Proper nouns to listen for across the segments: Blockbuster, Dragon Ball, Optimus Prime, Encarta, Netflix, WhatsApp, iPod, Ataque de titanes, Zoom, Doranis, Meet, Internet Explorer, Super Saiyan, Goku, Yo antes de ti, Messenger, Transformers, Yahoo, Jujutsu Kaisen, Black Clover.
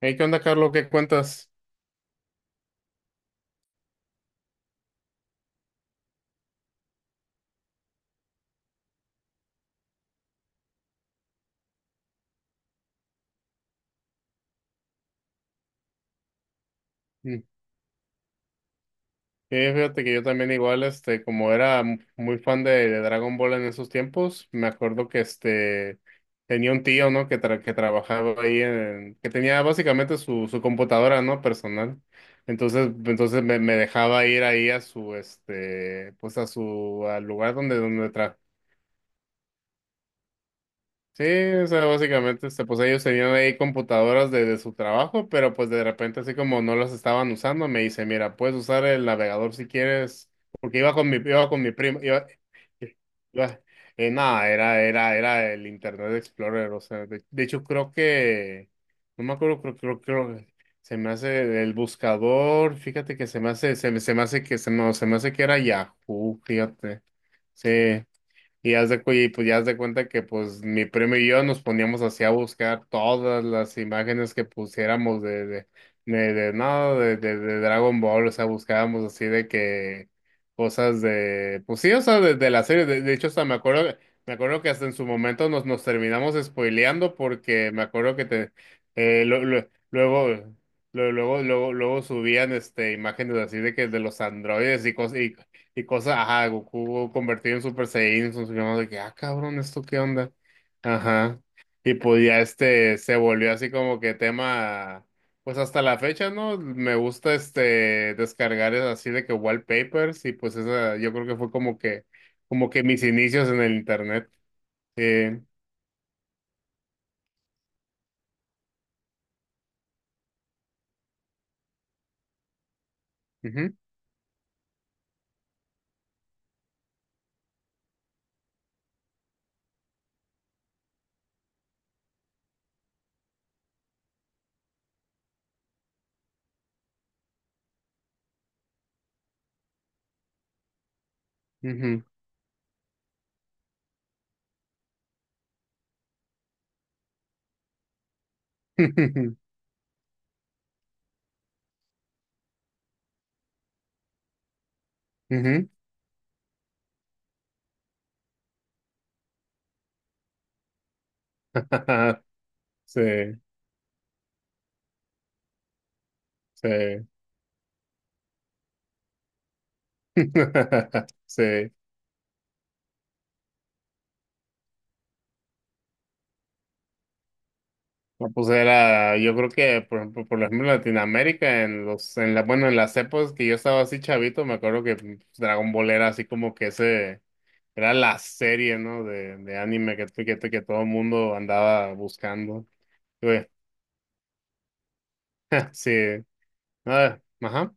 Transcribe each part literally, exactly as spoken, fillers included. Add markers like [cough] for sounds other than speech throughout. Hey, ¿qué onda, Carlos? ¿Qué cuentas? Mm, eh, Fíjate que yo también igual, este, como era mu- muy fan de, de Dragon Ball en esos tiempos, me acuerdo que este tenía un tío, ¿no? Que, tra- que trabajaba ahí en, que tenía básicamente su, su computadora, ¿no? Personal. Entonces, entonces me, me dejaba ir ahí a su, este, pues a su, al lugar donde, donde trabajaba. Sí, o sea, básicamente, este, pues ellos tenían ahí computadoras de, de su trabajo, pero pues de repente, así como no las estaban usando, me dice, mira, puedes usar el navegador si quieres, porque iba con mi, iba con mi, primo, iba, iba- eh, nada, era, era, era el Internet Explorer, o sea, de, de hecho creo que, no me acuerdo. Creo, creo, creo, que se me hace el buscador, fíjate que se me hace, se me, se me hace que, se, no, se me hace que era Yahoo, fíjate, sí. Y, haz de, cu- y pues ya haz de cuenta que pues mi primo y yo nos poníamos así a buscar todas las imágenes que pusiéramos de, de, de, de- no, de, de, de Dragon Ball, o sea, buscábamos así de que cosas de, pues sí, o sea, de, de la serie, de, de hecho, hasta me acuerdo, me acuerdo que hasta en su momento nos, nos terminamos spoileando porque me acuerdo que te, eh, lo- lo- luego, lo- luego, luego, luego subían este, imágenes así de que de los androides y cosas, y cosas, ajá, Goku convertido en Super Saiyan, sus llamados de que, ah, cabrón, ¿esto qué onda? Ajá. Y pues ya este se volvió así como que tema, pues hasta la fecha, ¿no? Me gusta este descargar es así de que wallpapers y pues esa, yo creo que fue como que, como que mis inicios en el internet. Eh, Ujú, ujú, [laughs] ujú, [laughs] sí, sí, [laughs] sí. No, pues era, yo creo que, por ejemplo, por ejemplo, en Latinoamérica, en los, en la, bueno, en las épocas que yo estaba así chavito, me acuerdo que mm, pues, Dragon Ball era así como que ese, era la serie, ¿no? De, de anime que, que, que todo el mundo andaba buscando. Güey, [laughs] sí, ah, ajá.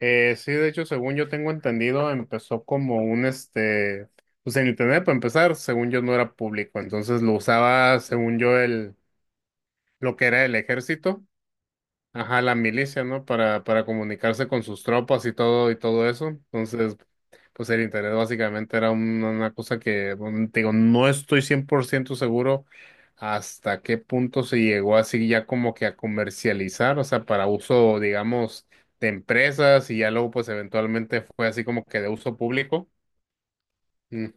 Eh, sí, de hecho, según yo tengo entendido, empezó como un, este, pues en internet, para empezar, según yo no era público, entonces lo usaba, según yo, el, lo que era el ejército. Ajá, la milicia, ¿no? Para, para comunicarse con sus tropas y todo y todo eso. Entonces, pues el internet básicamente era un- una cosa que, bueno, te digo, no estoy cien por ciento seguro hasta qué punto se llegó así ya como que a comercializar, o sea, para uso, digamos, de empresas y ya luego pues eventualmente fue así como que de uso público. Mm,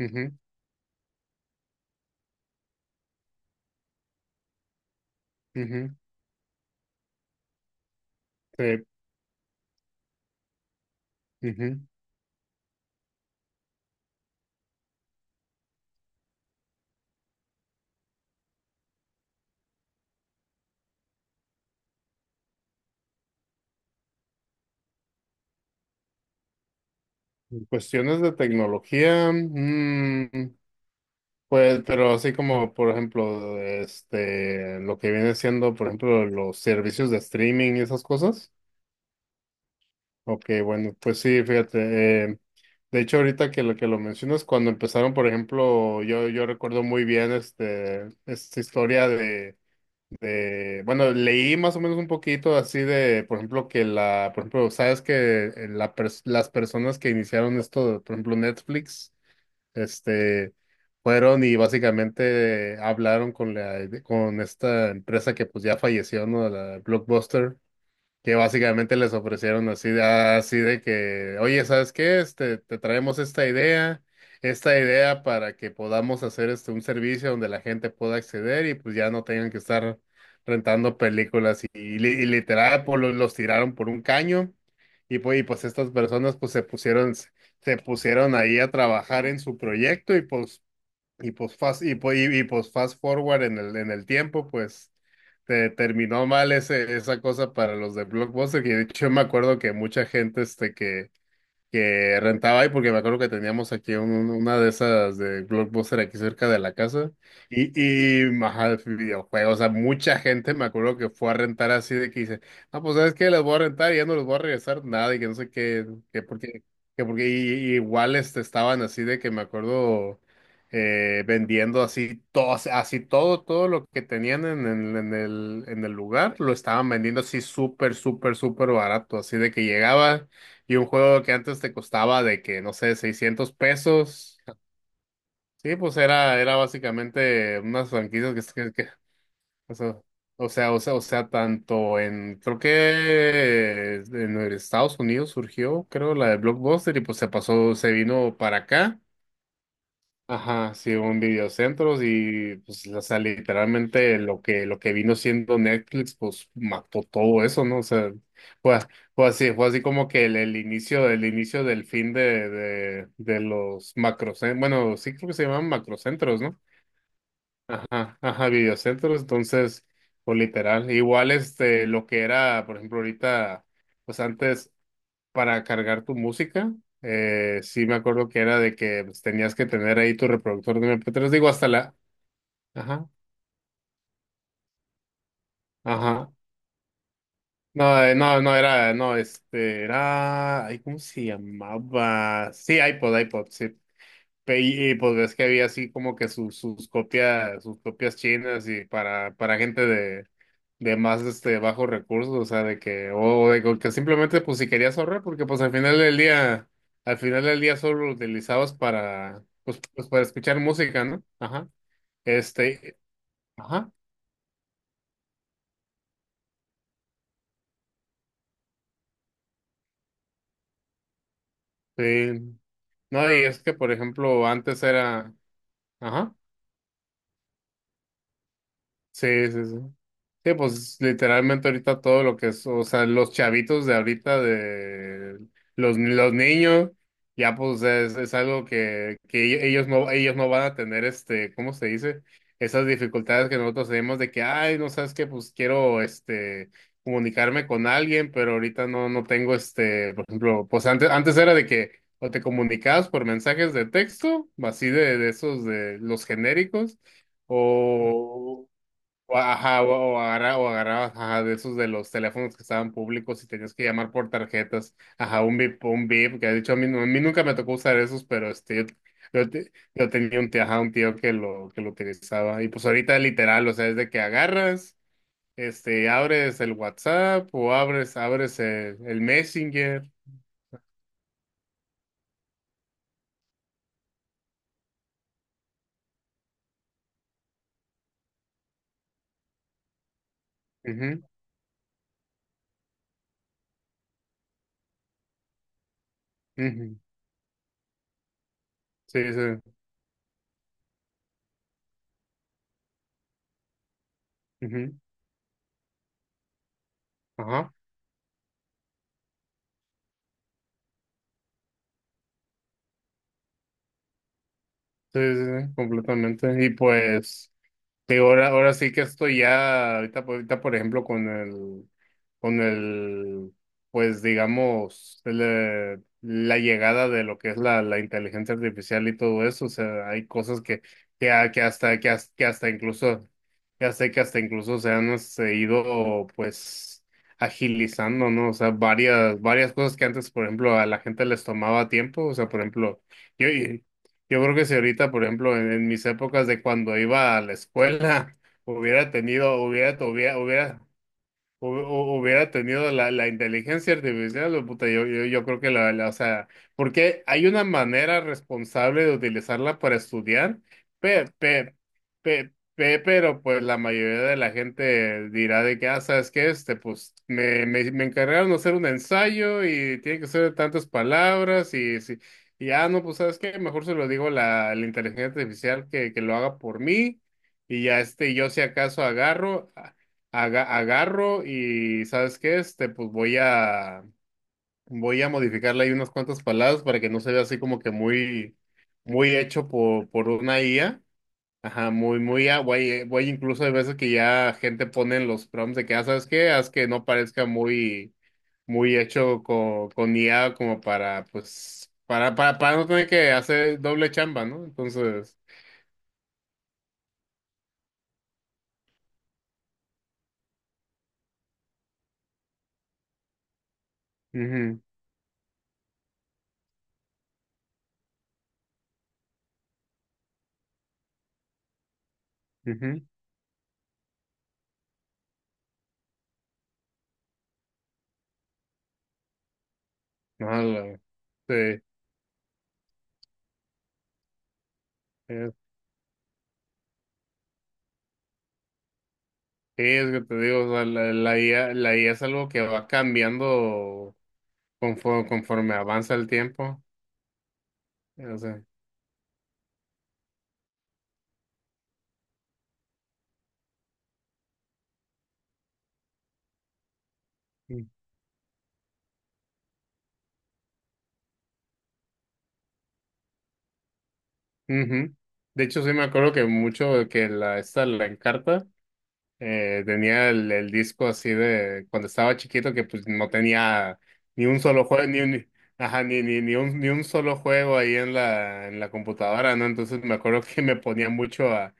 ujú, ujú, sí, ujú. En cuestiones de tecnología. mm, Pues, pero así como, por ejemplo, este, lo que viene siendo, por ejemplo, los servicios de streaming y esas cosas. Ok, bueno, pues sí, fíjate. eh, de hecho, ahorita que lo que lo mencionas, cuando empezaron, por ejemplo, yo, yo recuerdo muy bien este, esta historia de, de, bueno, leí más o menos un poquito así de, por ejemplo, que la, por ejemplo, sabes que eh, la pers- las personas que iniciaron esto, por ejemplo, Netflix. Este, fueron y básicamente hablaron con la, con esta empresa que pues ya falleció, ¿no? La Blockbuster, que básicamente les ofrecieron así de, ah, así de que, oye, ¿sabes qué? Este, te traemos esta idea, esta idea para que podamos hacer este un servicio donde la gente pueda acceder y pues ya no tengan que estar rentando películas y, y li- y literal pues, los, los tiraron por un caño y pues, y pues estas personas pues se pusieron, se pusieron ahí a trabajar en su proyecto y pues, y pues fast, y, pues- y, y, pues fast forward en el, en el tiempo, pues te terminó mal ese, esa cosa para los de Blockbuster. Y de hecho me acuerdo que mucha gente este, que, que rentaba ahí, porque me acuerdo que teníamos aquí un- un- una de esas de Blockbuster aquí cerca de la casa. Y, y ajá, videojuegos, o sea, mucha gente me acuerdo que fue a rentar así de que dice, ah, pues sabes que les voy a rentar y ya no les voy a regresar nada y que no sé qué, que porque, que porque y- y igual este, estaban así de que me acuerdo eh, vendiendo así todo, así todo, todo lo que tenían en, en- en el, en el lugar, lo estaban vendiendo así súper, súper, súper barato, así de que llegaba. Y un juego que antes te costaba de que, no sé, seiscientos pesos. Sí, pues era, era básicamente unas franquicias que, que- que- o sea, o sea, o sea, o sea, tanto en, creo que en Estados Unidos surgió, creo, la de Blockbuster y pues se pasó, se vino para acá. Ajá, sí, hubo en videocentros y pues, o sea, literalmente lo que, lo que vino siendo Netflix, pues mató todo eso, ¿no? O sea, fue, fue así, fue así como que el, el inicio, el inicio del fin de, de, de los macrocentros, bueno, sí creo que se llaman macrocentros, ¿no? Ajá, ajá, videocentros, entonces, pues literal, igual este, lo que era, por ejemplo, ahorita, pues antes para cargar tu música. Eh, sí me acuerdo que era de que pues, tenías que tener ahí tu reproductor de M P tres, digo, hasta la... Ajá, ajá. No, eh, no, no era, no, este, era, ay, ¿cómo se llamaba? Sí, iPod, iPod, sí. Pe- Y, y, pues ves que había así como que sus, sus copias sus copias chinas y para, para gente de, de más este bajos recursos, o sea, de que, o de que que simplemente pues si querías ahorrar, porque pues al final del día, al final del día solo lo utilizabas para, pues, pues para escuchar música, ¿no? Ajá. Este, ajá. Sí. No, y es que por ejemplo, antes era, ajá. Sí, sí, sí. Sí, pues literalmente ahorita todo lo que es, o sea, los chavitos de ahorita, de los, los niños, ya pues es, es algo que, que ello- ellos no, ellos no van a tener este, ¿cómo se dice? Esas dificultades que nosotros tenemos de que, ay, no sabes qué, pues quiero este comunicarme con alguien, pero ahorita no, no tengo este, por ejemplo, pues antes, antes era de que o te comunicabas por mensajes de texto, así de, de esos de los genéricos. O, o, ajá, o, o agarra- o agarrabas ajá, de esos de los teléfonos que estaban públicos y tenías que llamar por tarjetas. Ajá, un V I P, un V I P, que de hecho a mí, no- a mí nunca me tocó usar esos, pero este, yo, yo te- yo tenía un tío, ajá, un tío que lo, que lo utilizaba. Y pues ahorita literal, o sea, es de que agarras, este, abres el WhatsApp o abres, abres el, el Messenger. Ujú, ujú. Sí, sí. Ujú, ajá. Sí, sí, sí, completamente. Y pues. Sí, ahora, ahora sí que estoy ya, ahorita, por- ahorita por ejemplo con el, con el, pues digamos, el, eh, la llegada de lo que es la, la inteligencia artificial y todo eso, o sea, hay cosas que, que, ha- que hasta, que, has- que hasta incluso, ya sé que hasta que hasta incluso se han este, ido, pues, agilizando, ¿no? O sea, varias, varias cosas que antes, por ejemplo, a la gente les tomaba tiempo, o sea, por ejemplo, yo, yo creo que si ahorita, por ejemplo, en, en mis épocas de cuando iba a la escuela, [laughs] hubiera tenido, hubiera, hubiera, hubiera, hu- hu- hubiera tenido la, la inteligencia artificial, o puta, yo, yo, yo creo que la, la- o sea, porque hay una manera responsable de utilizarla para estudiar, pe, pe, pe- pe- pero pues la mayoría de la gente dirá de que, ah, ¿sabes qué? Este, pues me, me, me encargaron de hacer un ensayo y tiene que ser de tantas palabras y, si- y ah, no, pues ¿sabes qué? Mejor se lo digo a la, a la inteligencia artificial que, que lo haga por mí. Y ya este, yo si acaso agarro, aga- agarro y ¿sabes qué? Este, pues voy a, voy a modificarle ahí unas cuantas palabras para que no se vea así como que muy muy hecho por, por una I A. Ajá, muy, muy, a- voy, voy incluso hay veces que ya gente pone en los prompts de que, ah, ¿sabes qué? Haz que no parezca muy, muy hecho con, con I A como para, pues, para, para, para no tener que hacer doble chamba, ¿no? Entonces, mhm. Mhm. Sí, es que te digo, o sea, la, la I A, la I A es algo que va cambiando conforme, conforme avanza el tiempo. O sea, mm, ujú. De hecho, sí me acuerdo que mucho de que la, esta, la Encarta. Eh, tenía el, el disco así de cuando estaba chiquito que pues no tenía ni un solo juego, ni un, ajá, ni, ni, ni un, ni un solo juego ahí en la, en la computadora, ¿no? Entonces me acuerdo que me ponía mucho a,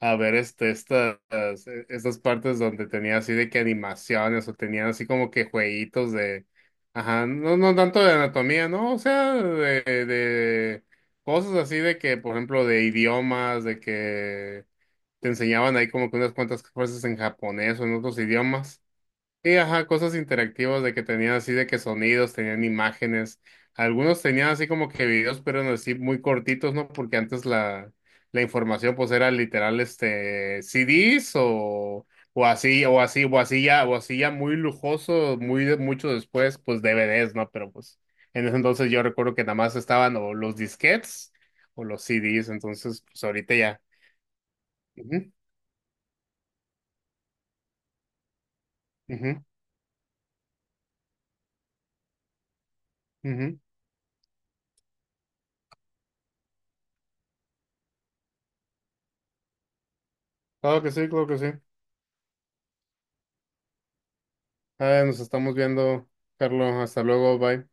a ver este, estas, e, estas partes donde tenía así de que animaciones o tenían así como que jueguitos de, ajá, no, no tanto de anatomía, ¿no? O sea, de, de cosas así de que, por ejemplo, de idiomas, de que te enseñaban ahí como que unas cuantas cosas en japonés o en otros idiomas. Y ajá, cosas interactivas de que tenían así de que sonidos, tenían imágenes. Algunos tenían así como que videos, pero eran así muy cortitos, ¿no? Porque antes la, la información pues era literal este C Ds o, o así, o así, o así ya, o así ya muy lujoso, muy de- mucho después, pues D V Ds, ¿no? Pero pues en ese entonces yo recuerdo que nada más estaban o los disquetes o los C Ds, entonces pues ahorita ya. Ujú, ujú. Ujú. Claro que sí, claro que sí. Ah, nos estamos viendo, Carlos. Hasta luego, bye.